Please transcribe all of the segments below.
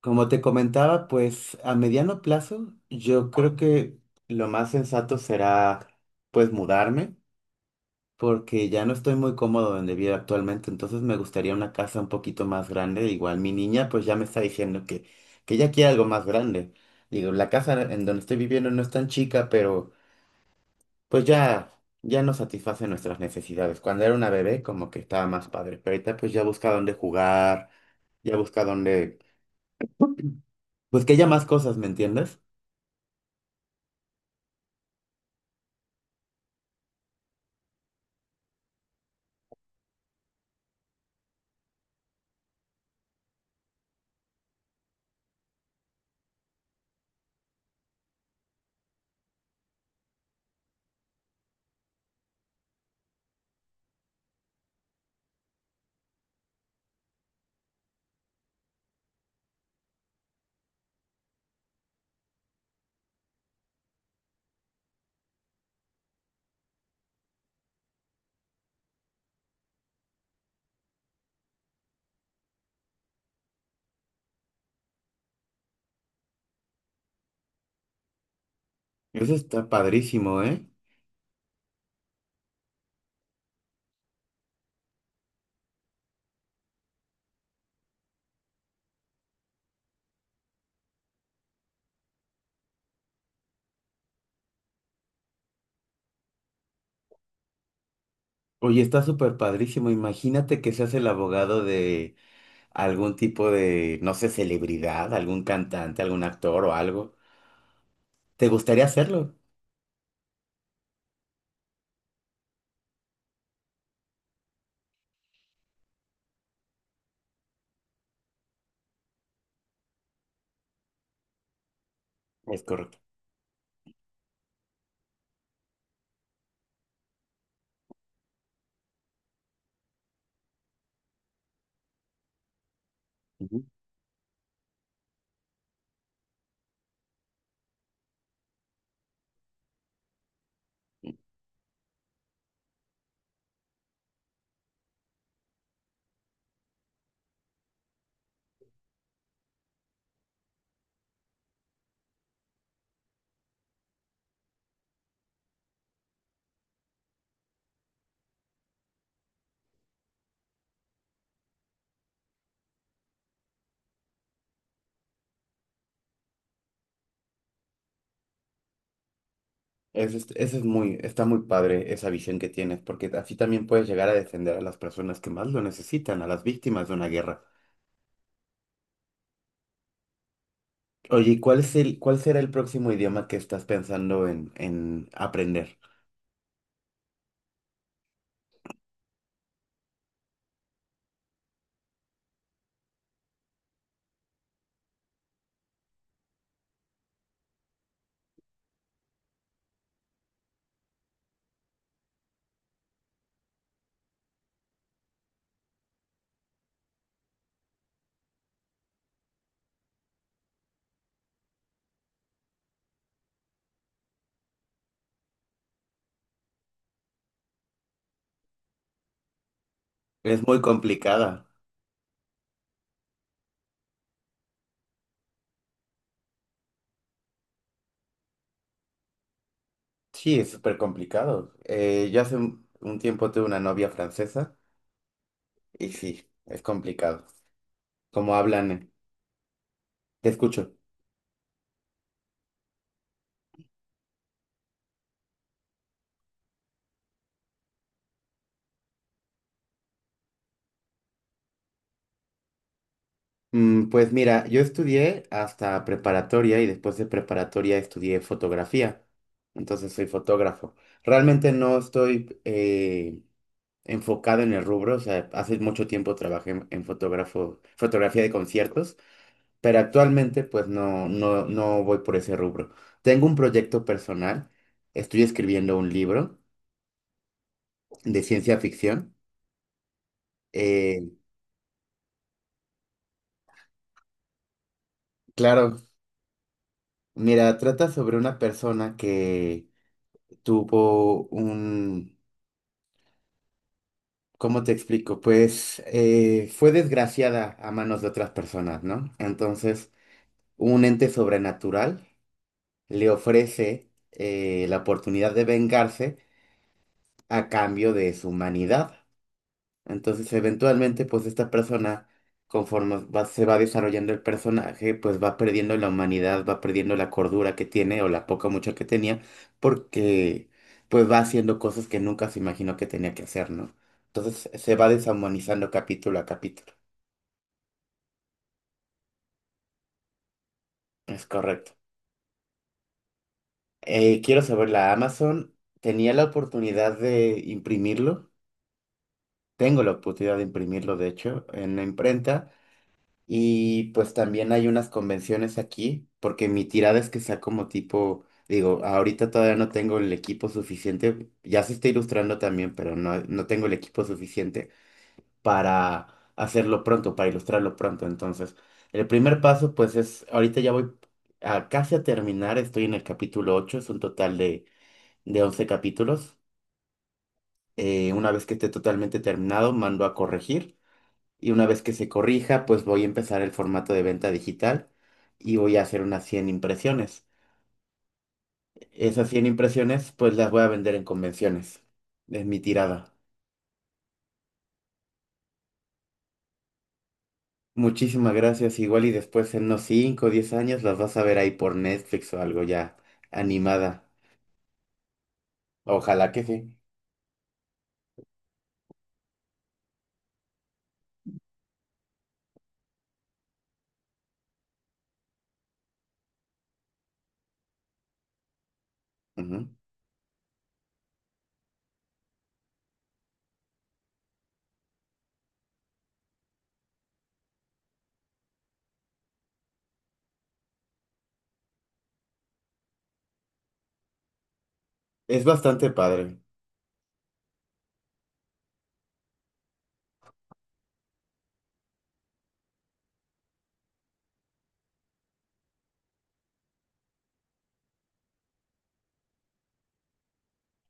Como te comentaba, pues a mediano plazo yo creo que lo más sensato será pues mudarme, porque ya no estoy muy cómodo donde vivo actualmente, entonces me gustaría una casa un poquito más grande. Igual mi niña pues ya me está diciendo que ella quiere algo más grande. Digo, la casa en donde estoy viviendo no es tan chica, pero pues ya no satisface nuestras necesidades. Cuando era una bebé como que estaba más padre, pero ahorita pues ya busca dónde jugar, ya busca pues que haya más cosas, ¿me entiendes? Eso está padrísimo, ¿eh? Oye, está súper padrísimo. Imagínate que seas el abogado de algún tipo de, no sé, celebridad, algún cantante, algún actor o algo. ¿Te gustaría hacerlo? Es correcto. Ujú. Eso es muy, está muy padre esa visión que tienes, porque así también puedes llegar a defender a las personas que más lo necesitan, a las víctimas de una guerra. Oye, ¿cuál será el próximo idioma que estás pensando en aprender? Es muy complicada. Sí, es súper complicado. Yo hace un tiempo tuve una novia francesa y sí, es complicado. ¿Cómo hablan, eh? Te escucho. Pues mira, yo estudié hasta preparatoria y después de preparatoria estudié fotografía. Entonces soy fotógrafo. Realmente no estoy enfocado en el rubro. O sea, hace mucho tiempo trabajé en fotografía de conciertos, pero actualmente pues no, no, no voy por ese rubro. Tengo un proyecto personal, estoy escribiendo un libro de ciencia ficción. Eh, claro, mira, trata sobre una persona que tuvo un, ¿cómo te explico? Pues fue desgraciada a manos de otras personas, ¿no? Entonces, un ente sobrenatural le ofrece la oportunidad de vengarse a cambio de su humanidad. Entonces, eventualmente, pues esta persona, conforme se va desarrollando el personaje, pues va perdiendo la humanidad, va perdiendo la cordura que tiene o la poca o mucha que tenía, porque pues va haciendo cosas que nunca se imaginó que tenía que hacer, ¿no? Entonces se va deshumanizando capítulo a capítulo. Es correcto. Quiero saber, la Amazon tenía la oportunidad de imprimirlo. Tengo la oportunidad de imprimirlo, de hecho, en la imprenta. Y pues también hay unas convenciones aquí, porque mi tirada es que sea como tipo, digo, ahorita todavía no tengo el equipo suficiente, ya se está ilustrando también, pero no, no tengo el equipo suficiente para hacerlo pronto, para ilustrarlo pronto. Entonces, el primer paso pues es, ahorita ya voy a casi a terminar, estoy en el capítulo 8, es un total de 11 capítulos. Una vez que esté totalmente terminado, mando a corregir. Y una vez que se corrija, pues voy a empezar el formato de venta digital y voy a hacer unas 100 impresiones. Esas 100 impresiones, pues las voy a vender en convenciones. Es mi tirada. Muchísimas gracias. Igual y después en unos 5 o 10 años las vas a ver ahí por Netflix o algo ya animada. Ojalá que sí. Ujú. Es bastante padre.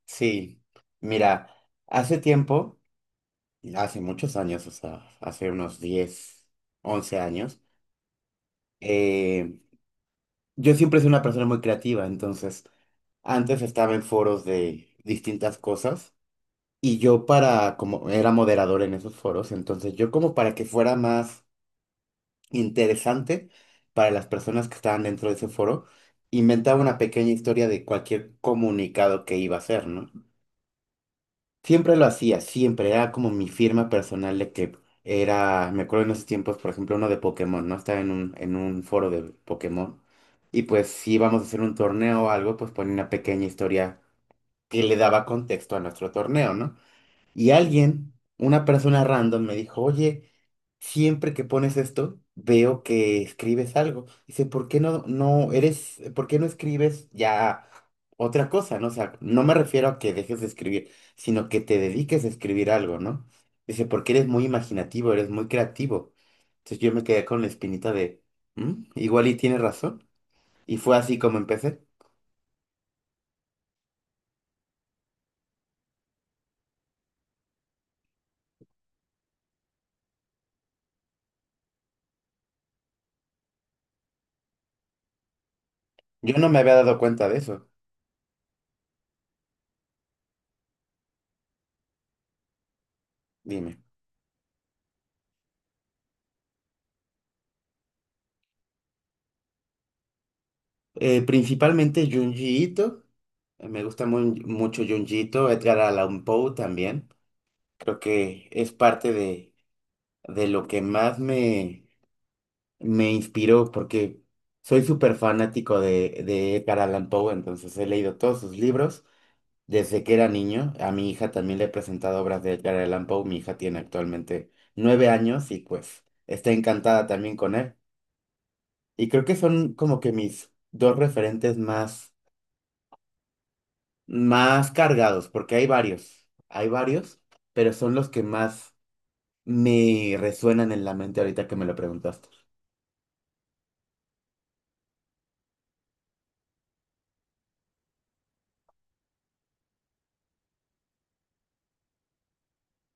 Sí. Mira, hace tiempo, hace muchos años, o sea, hace unos 10 11 años, eh, yo siempre soy una persona muy creativa, entonces antes estaba en foros de distintas cosas y yo para, como era moderador en esos foros, entonces yo como para que fuera más interesante para las personas que estaban dentro de ese foro, inventaba una pequeña historia de cualquier comunicado que iba a hacer, ¿no? Siempre lo hacía, siempre. Era como mi firma personal de que era, me acuerdo en esos tiempos, por ejemplo, uno de Pokémon, ¿no? Estaba en un foro de Pokémon. Y pues si íbamos a hacer un torneo o algo, pues ponía una pequeña historia que le daba contexto a nuestro torneo, ¿no? Y alguien, una persona random, me dijo, oye, siempre que pones esto, veo que escribes algo. Dice, ¿por qué no escribes ya otra cosa, ¿no? O sea, no me refiero a que dejes de escribir, sino que te dediques a escribir algo, ¿no? Dice, porque eres muy imaginativo, eres muy creativo. Entonces yo me quedé con la espinita de, Igual y tienes razón." Y fue así como empecé. Yo no me había dado cuenta de eso. Dime. Principalmente Junji Ito. Me gusta mucho Junji Ito, Edgar Allan Poe también. Creo que es parte de lo que más me inspiró, porque soy súper fanático de Edgar Allan Poe, entonces he leído todos sus libros desde que era niño. A mi hija también le he presentado obras de Edgar Allan Poe. Mi hija tiene actualmente 9 años y pues está encantada también con él. Y creo que son como que mis dos referentes más, más cargados, porque hay varios, pero son los que más me resuenan en la mente ahorita que me lo preguntaste.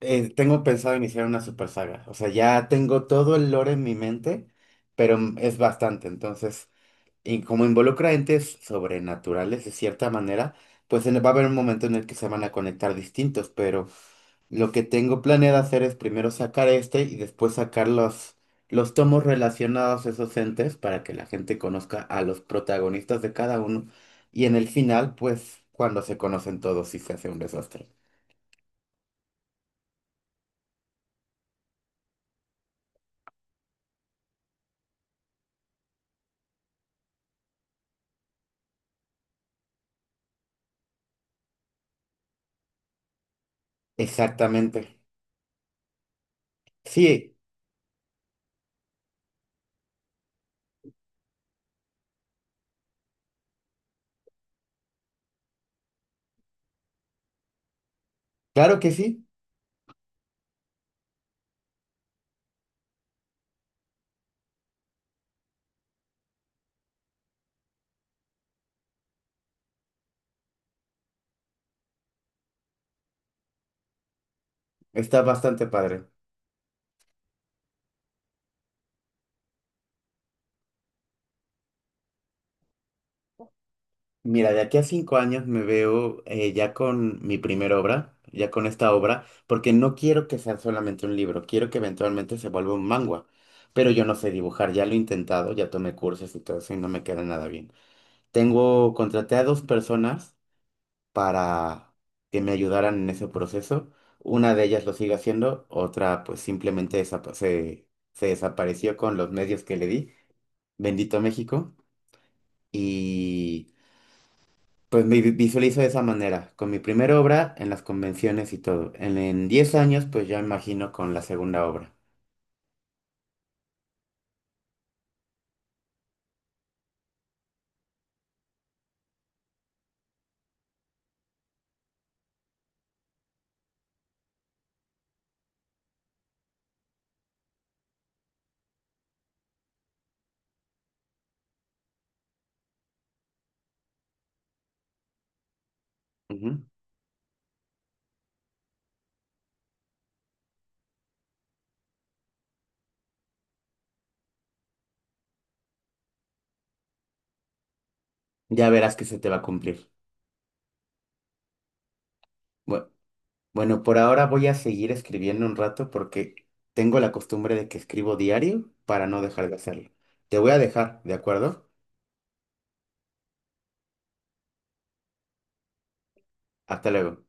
Tengo pensado iniciar una super saga. O sea, ya tengo todo el lore en mi mente, pero es bastante. Entonces, y como involucra entes sobrenaturales de cierta manera, pues va a haber un momento en el que se van a conectar distintos, pero lo que tengo planeado hacer es primero sacar este y después sacar los tomos relacionados a esos entes para que la gente conozca a los protagonistas de cada uno. Y en el final, pues cuando se conocen todos, sí se hace un desastre. Exactamente. Sí, claro que sí. Está bastante padre. Mira, de aquí a 5 años me veo ya con mi primera obra, ya con esta obra, porque no quiero que sea solamente un libro, quiero que eventualmente se vuelva un manga. Pero yo no sé dibujar, ya lo he intentado, ya tomé cursos y todo eso y no me queda nada bien. Tengo, contraté a dos personas para que me ayudaran en ese proceso. Una de ellas lo sigue haciendo, otra pues simplemente se desapareció con los medios que le di. Bendito México. Y... Pues me visualizo de esa manera, con mi primera obra en las convenciones y todo. En 10 años, pues ya imagino con la segunda obra. Ujú. Ya verás que se te va a cumplir. Bue- Bueno, por ahora voy a seguir escribiendo un rato porque tengo la costumbre de que escribo diario para no dejar de hacerlo. Te voy a dejar, ¿de acuerdo? Hasta luego.